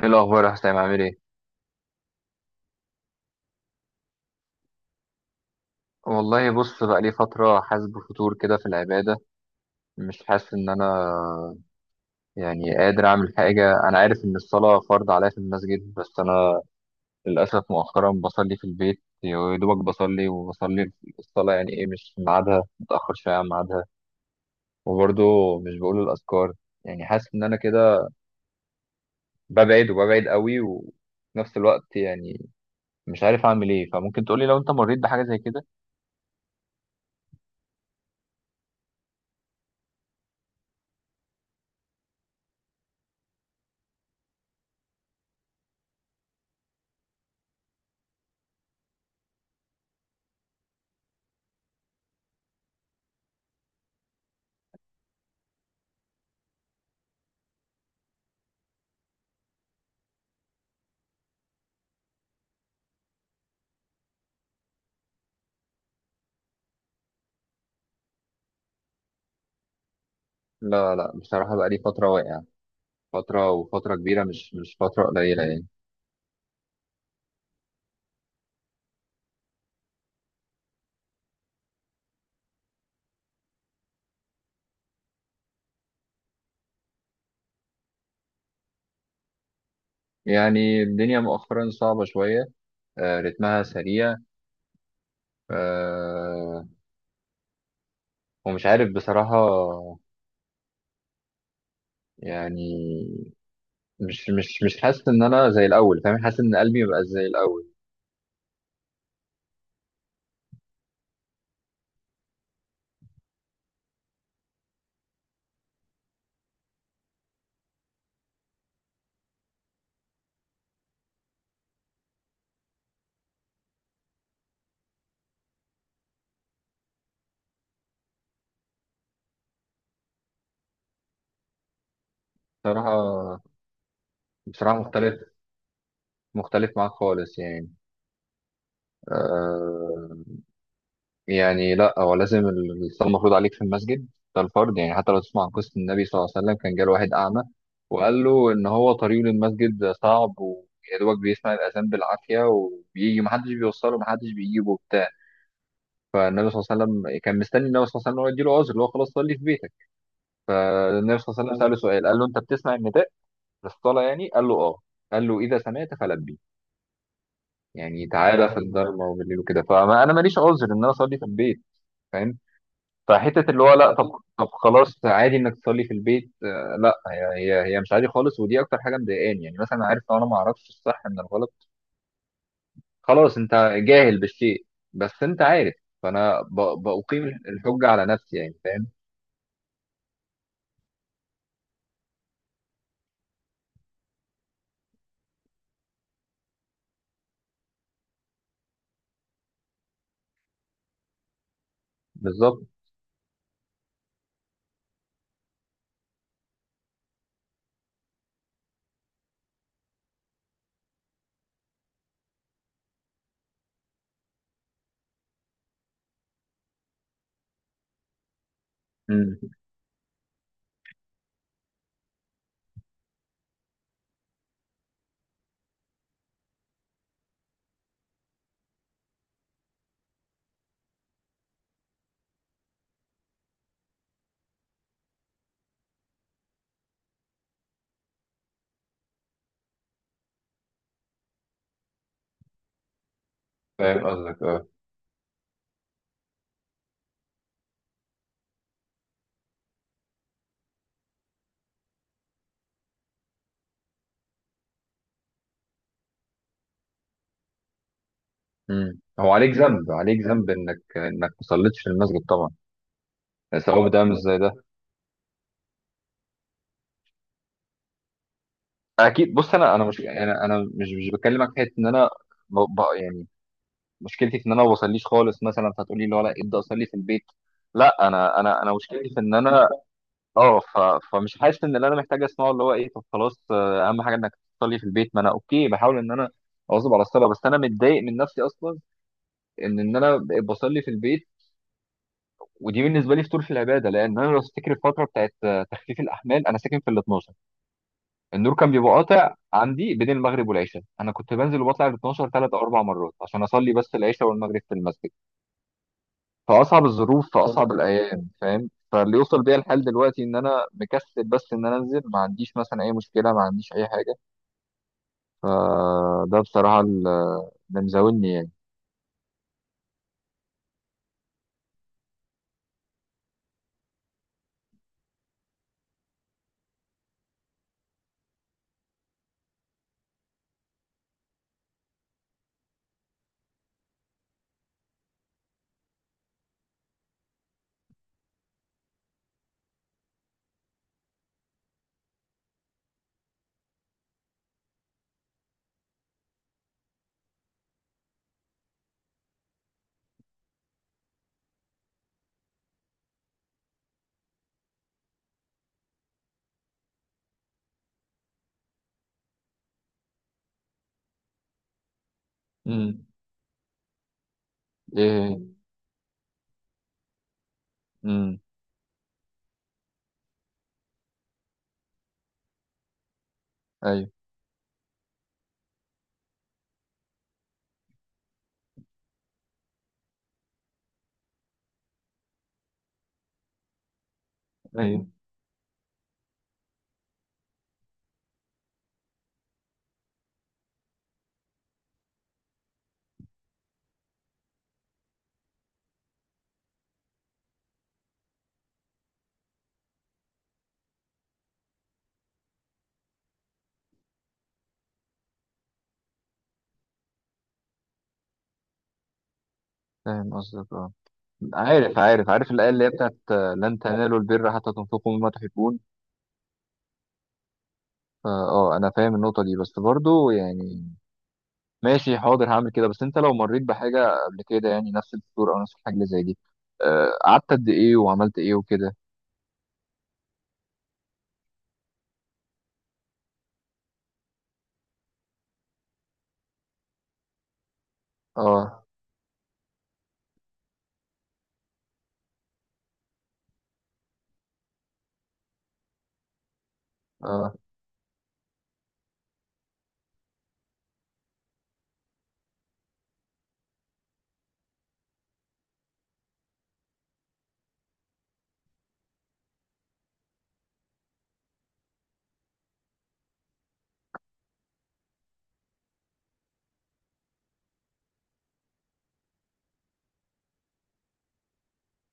ايه الاخبار يا حسام، عامل ايه؟ والله بص، بقى لي فتره حاسس بفتور كده في العباده. مش حاسس ان انا يعني قادر اعمل حاجه. انا عارف ان الصلاه فرض عليا في المسجد، بس انا للاسف مؤخرا بصلي في البيت، يا دوبك بصلي. وبصلي الصلاه يعني ايه؟ مش في ميعادها، متاخر شويه عن ميعادها. وبرضه مش بقول الاذكار. يعني حاسس ان انا كده ببعد وببعد قوي، وفي نفس الوقت يعني مش عارف اعمل ايه. فممكن تقولي لو انت مريت بحاجه زي كده؟ لا لا، بصراحه بقى لي فتره واقع. فترة وفترة كبيرة، مش فترة قليلة يعني. يعني الدنيا مؤخرا صعبة شوية. رتمها سريع. آه، ومش عارف بصراحة يعني. مش حاسس إن أنا زي الأول، فاهم. حاسس إن قلبي مبقاش زي الأول. بصراحة، بصراحة مختلف. مختلف معاك خالص يعني. آه، يعني لا، هو لازم الصلاة المفروض عليك في المسجد. ده الفرض يعني. حتى لو تسمع عن قصة النبي صلى الله عليه وسلم، كان جاله واحد أعمى وقال له إن هو طريقه للمسجد صعب، ويا دوبك بيسمع الأذان بالعافية، وبيجي محدش بيوصله، محدش بيجيبه وبتاع. فالنبي صلى الله عليه وسلم كان مستني النبي صلى الله عليه وسلم إن هو يديله عذر، اللي هو خلاص صلي في بيتك. فالنبي صلى الله عليه وسلم سأله سؤال، قال له: أنت بتسمع النداء للصلاة؟ يعني. قال له آه. قال له: إذا سمعت فلبي، يعني تعالى في الضلمة وبالليل وكده. فأنا ماليش عذر إن أنا أصلي في البيت، فاهم. فحته اللي هو لا، طب. طب خلاص، عادي انك تصلي في البيت؟ لا، هي مش عادي خالص. ودي اكتر حاجه مضايقاني يعني. مثلا عارف، لو انا ما اعرفش الصح من الغلط، خلاص انت جاهل بالشيء. بس انت عارف، فانا بقيم الحجه على نفسي يعني، فاهم. بالظبط. امم، فاهم قصدك، اه. امم، هو عليك ذنب، عليك ذنب انك ما صليتش في المسجد طبعا. سواء ده مش زي ده. اكيد. بص انا، انا مش بكلمك في حته ان انا يعني مشكلتي في ان انا ما بصليش خالص مثلا، فهتقولي لي ولا ابدا اصلي في البيت. لا، انا انا مشكلتي في ان انا اه فمش حاسس ان اللي انا محتاج اسمعه اللي هو ايه. طب خلاص، اهم حاجه انك تصلي في البيت. ما انا اوكي، بحاول ان انا اواظب على الصلاه. بس انا متضايق من نفسي اصلا ان انا بقيت بصلي في البيت. ودي بالنسبه لي فطور في العباده. لان انا لو تفتكر الفتره بتاعت تخفيف الاحمال، انا ساكن في ال 12. النور كان بيبقى قاطع عندي بين المغرب والعشاء، انا كنت بنزل وبطلع ال 12 ثلاث او اربع مرات عشان اصلي بس العشاء والمغرب في المسجد. في اصعب الظروف، في اصعب الايام، فاهم. فاللي يوصل بيا الحال دلوقتي ان انا مكسل بس ان انا انزل، ما عنديش مثلا اي مشكله، ما عنديش اي حاجه. فده بصراحه اللي مزاولني يعني. امم، ايه، امم، ايوه ايوه، فاهم قصدك اه. عارف عارف عارف، الايه اللي هي بتاعت لن تنالوا البر حتى تنفقوا مما تحبون. فا اه، انا فاهم النقطه دي، بس برضو يعني ماشي حاضر هعمل كده. بس انت لو مريت بحاجه قبل كده، يعني نفس الدكتور او نفس الحاجه اللي زي دي، قعدت قد ايه وعملت ايه وكده؟ اه، اه،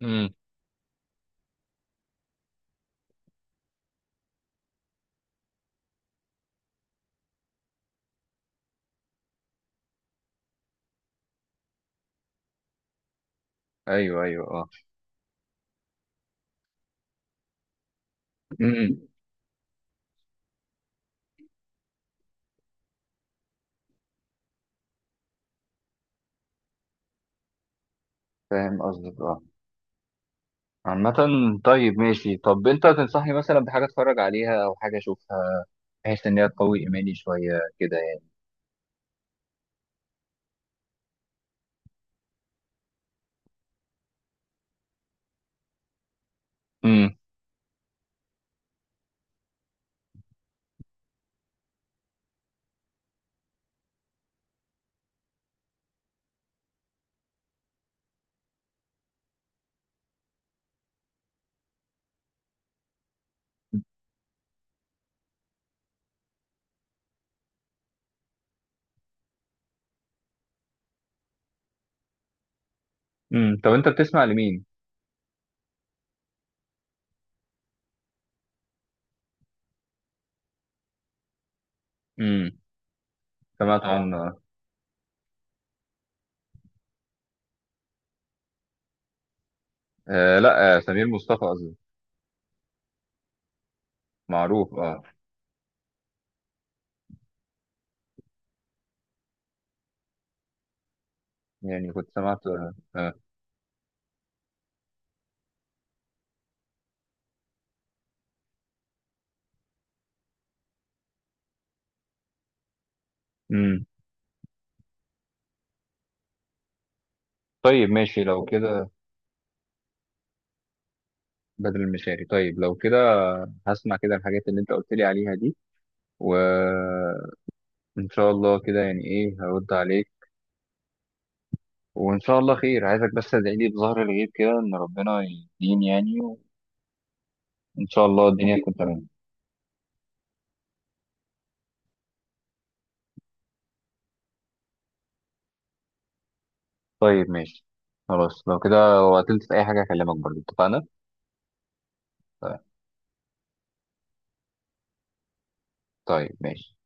امم، ايوه ايوه اه، امم، فاهم قصدك اه. عامة طيب ماشي. طب انت تنصحني مثلا بحاجة اتفرج عليها او حاجة اشوفها، بحيث ان هي تقوي ايماني شوية كده يعني؟ امم. امم، طب انت بتسمع لمين؟ امم. سمعت عنه لا آه، سمير مصطفى قصدي. معروف اه. يعني كنت سمعت امم. طيب ماشي لو كده. بدل المشاري. طيب لو كده هسمع كده الحاجات اللي انت قلت لي عليها دي، وان شاء الله كده يعني ايه هرد عليك. وإن شاء الله خير، عايزك بس تدعي لي بظهر الغيب كده إن ربنا يهديني يعني. وإن شاء الله الدنيا أكيد تكون طبعا تمام. طيب ماشي، خلاص لو كده. وقتلت في أي حاجة أكلمك برضه، اتفقنا؟ طيب. طيب، ماشي.